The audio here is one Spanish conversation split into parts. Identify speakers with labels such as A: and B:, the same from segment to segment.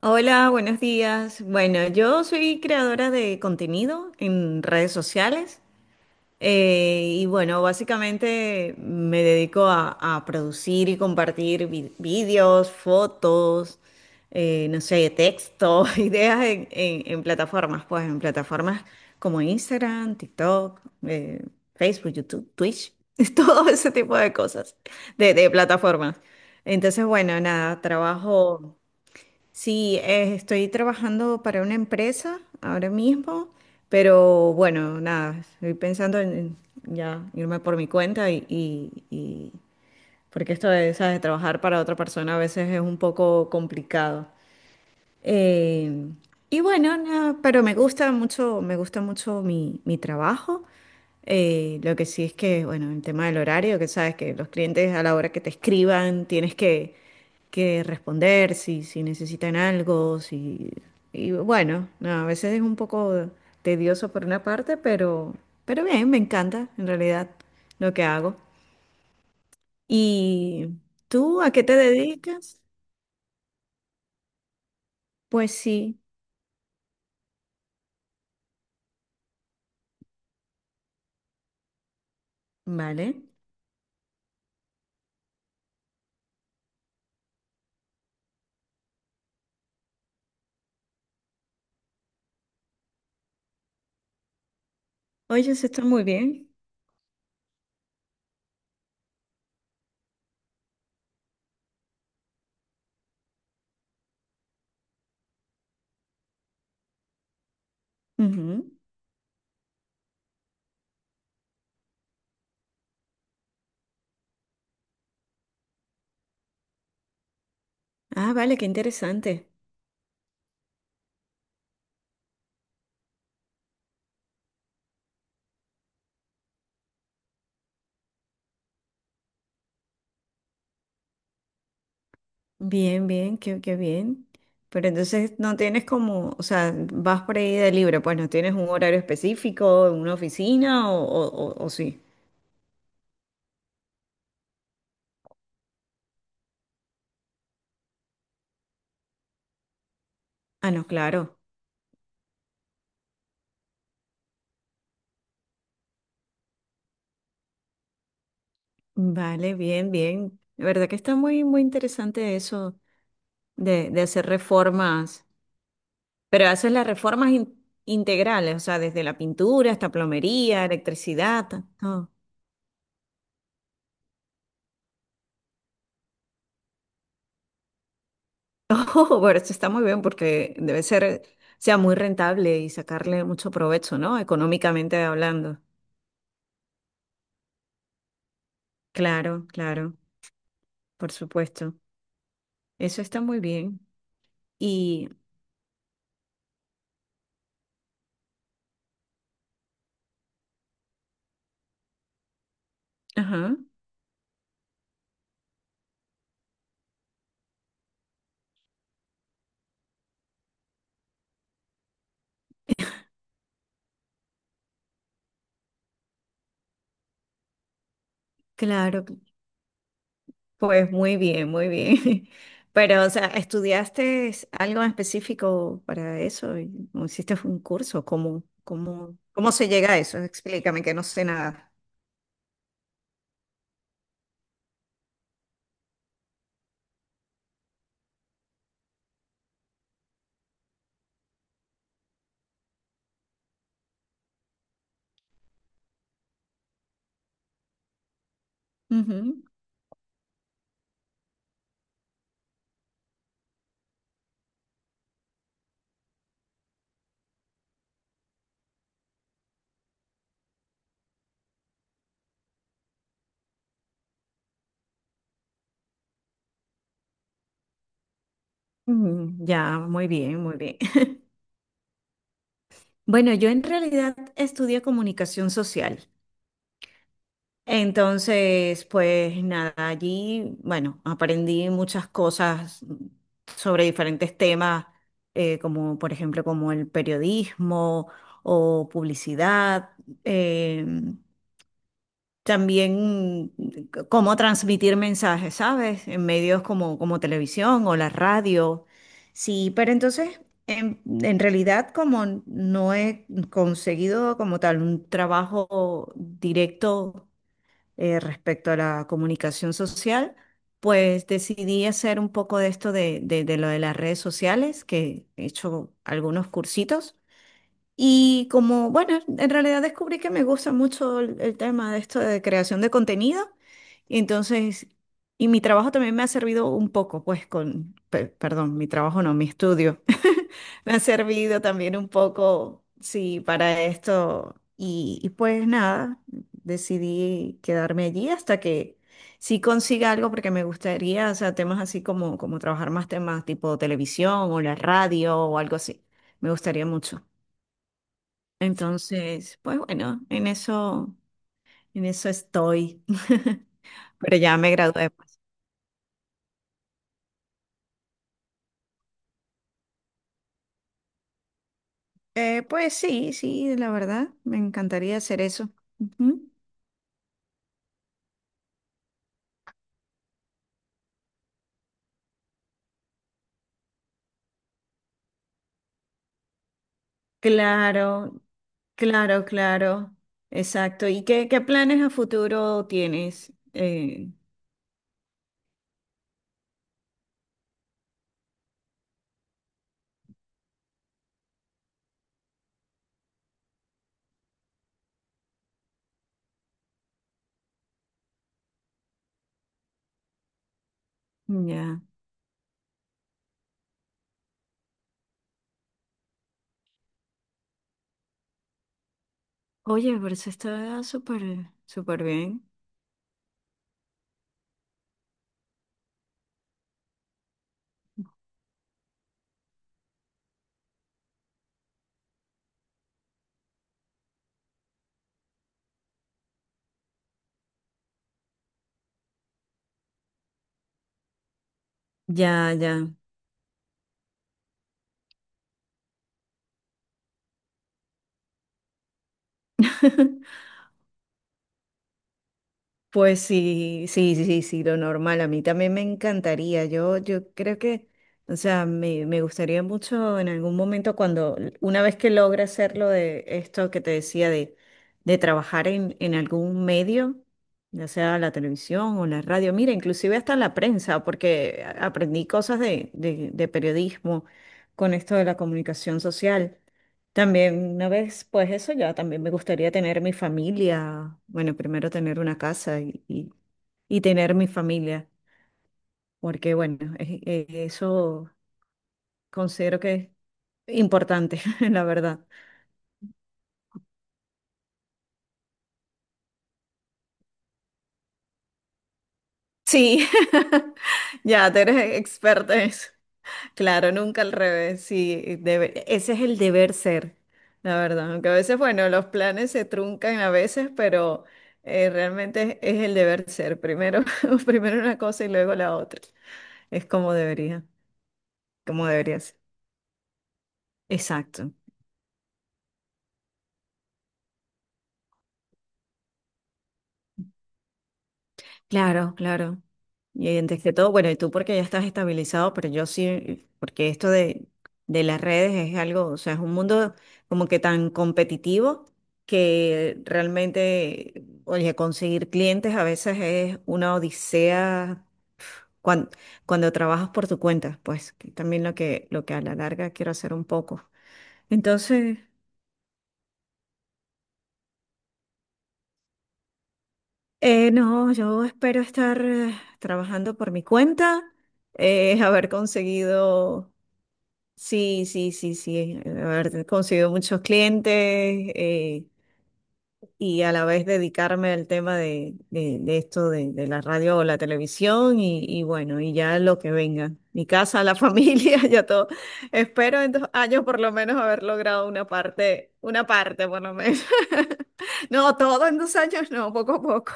A: Hola, buenos días. Bueno, yo soy creadora de contenido en redes sociales, y bueno, básicamente me dedico a producir y compartir vídeos, fotos, no sé, texto, ideas en plataformas, pues en plataformas como Instagram, TikTok, eh, Facebook, YouTube, Twitch, todo ese tipo de cosas, de plataformas. Entonces, bueno, nada, trabajo. Sí, estoy trabajando para una empresa ahora mismo, pero bueno, nada, estoy pensando en ya irme por mi cuenta porque esto de, ¿sabes?, trabajar para otra persona a veces es un poco complicado. Eh, y bueno, nada, pero me gusta mucho mi trabajo. Lo que sí es que, bueno, el tema del horario, que sabes que los clientes, a la hora que te escriban, tienes que responder, si necesitan algo, si. Y bueno, no, a veces es un poco tedioso por una parte, pero bien, me encanta en realidad lo que hago. ¿Y tú a qué te dedicas? Pues sí, vale. Oye, eso está muy bien. Ujú. Ah, vale, qué interesante. Bien, bien, qué bien. Pero entonces no tienes como, o sea, vas por ahí de libre, pues no tienes un horario específico, una oficina o sí. Ah, no, claro. Vale, bien, bien. La verdad que está muy, muy interesante eso de hacer reformas, pero haces las reformas integrales, o sea, desde la pintura hasta plomería, electricidad, todo. Oh, bueno, eso está muy bien porque debe ser, o sea, muy rentable y sacarle mucho provecho, ¿no? Económicamente hablando. Claro, claro, por supuesto. Eso está muy bien. Y, ajá, claro. Pues muy bien, muy bien. Pero, o sea, ¿estudiaste algo en específico para eso? ¿O hiciste un curso? ¿Cómo se llega a eso? Explícame, que no sé nada. Ujú. Mm, ya, muy bien, muy bien. Bueno, yo en realidad estudié comunicación social. Entonces, pues nada, allí, bueno, aprendí muchas cosas sobre diferentes temas, como por ejemplo, como el periodismo o publicidad, eh, también, cómo transmitir mensajes, ¿sabes?, en medios como televisión o la radio. Sí, pero entonces, en realidad, como no he conseguido como tal un trabajo directo respecto a la comunicación social, pues decidí hacer un poco de esto de lo de las redes sociales, que he hecho algunos cursitos, y, como, bueno, en realidad descubrí que me gusta mucho el tema de esto de creación de contenido. Y entonces, y mi trabajo también me ha servido un poco, pues con, perdón, mi trabajo no, mi estudio. Me ha servido también un poco, sí, para esto. Y pues nada, decidí quedarme allí hasta que sí consiga algo, porque me gustaría, o sea, temas así como, trabajar más temas tipo televisión o la radio o algo así. Me gustaría mucho. Entonces, pues bueno, en eso estoy. Pero ya me gradué, pues. Pues sí, sí, la verdad, me encantaría hacer eso. Ujú. Claro, claro, claro. Exacto. ¿Y qué, planes a futuro tienes? Ya. Oye, pero eso está súper, súper bien. Ya, ya. Pues sí, sí, sí, sí, sí, lo normal. A mí también me encantaría. Yo creo que, o sea, me gustaría mucho en algún momento cuando, una vez que logre hacerlo de esto que te decía, de trabajar en algún medio, ya sea la televisión o la radio, mira, inclusive hasta la prensa, porque aprendí cosas de periodismo con esto de la comunicación social. También una vez, pues eso ya, también me gustaría tener mi familia, bueno, primero tener una casa y tener mi familia, porque bueno, eso considero que es importante, la verdad. Sí, ya, tú eres experta en eso. Claro, nunca al revés, sí, ese es el deber ser, la verdad, aunque a veces, bueno, los planes se truncan a veces, pero realmente es el deber ser, primero, primero una cosa y luego la otra, es como debería ser, exacto. Claro, claro. Y antes que todo, bueno, y tú porque ya estás estabilizado, pero yo sí, porque esto de las redes es algo, o sea, es un mundo como que tan competitivo que realmente, oye, conseguir clientes a veces es una odisea cuando, cuando trabajas por tu cuenta, pues que también lo que a la larga quiero hacer un poco. Entonces, no, yo espero estar trabajando por mi cuenta, haber conseguido. Sí, sí, sí, sí. Haber conseguido muchos clientes, eh, y a la vez dedicarme al tema de esto de la radio o la televisión, y bueno, y ya lo que venga. Mi casa, la familia, ya todo. Espero en 2 años por lo menos haber logrado una parte por lo menos. No, todo en 2 años no, poco a poco.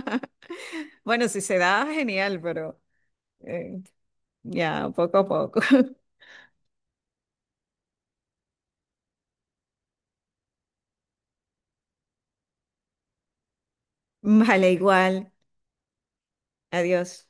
A: Bueno, si se da, genial, pero eh, ya poco a poco. Vale, igual. Adiós.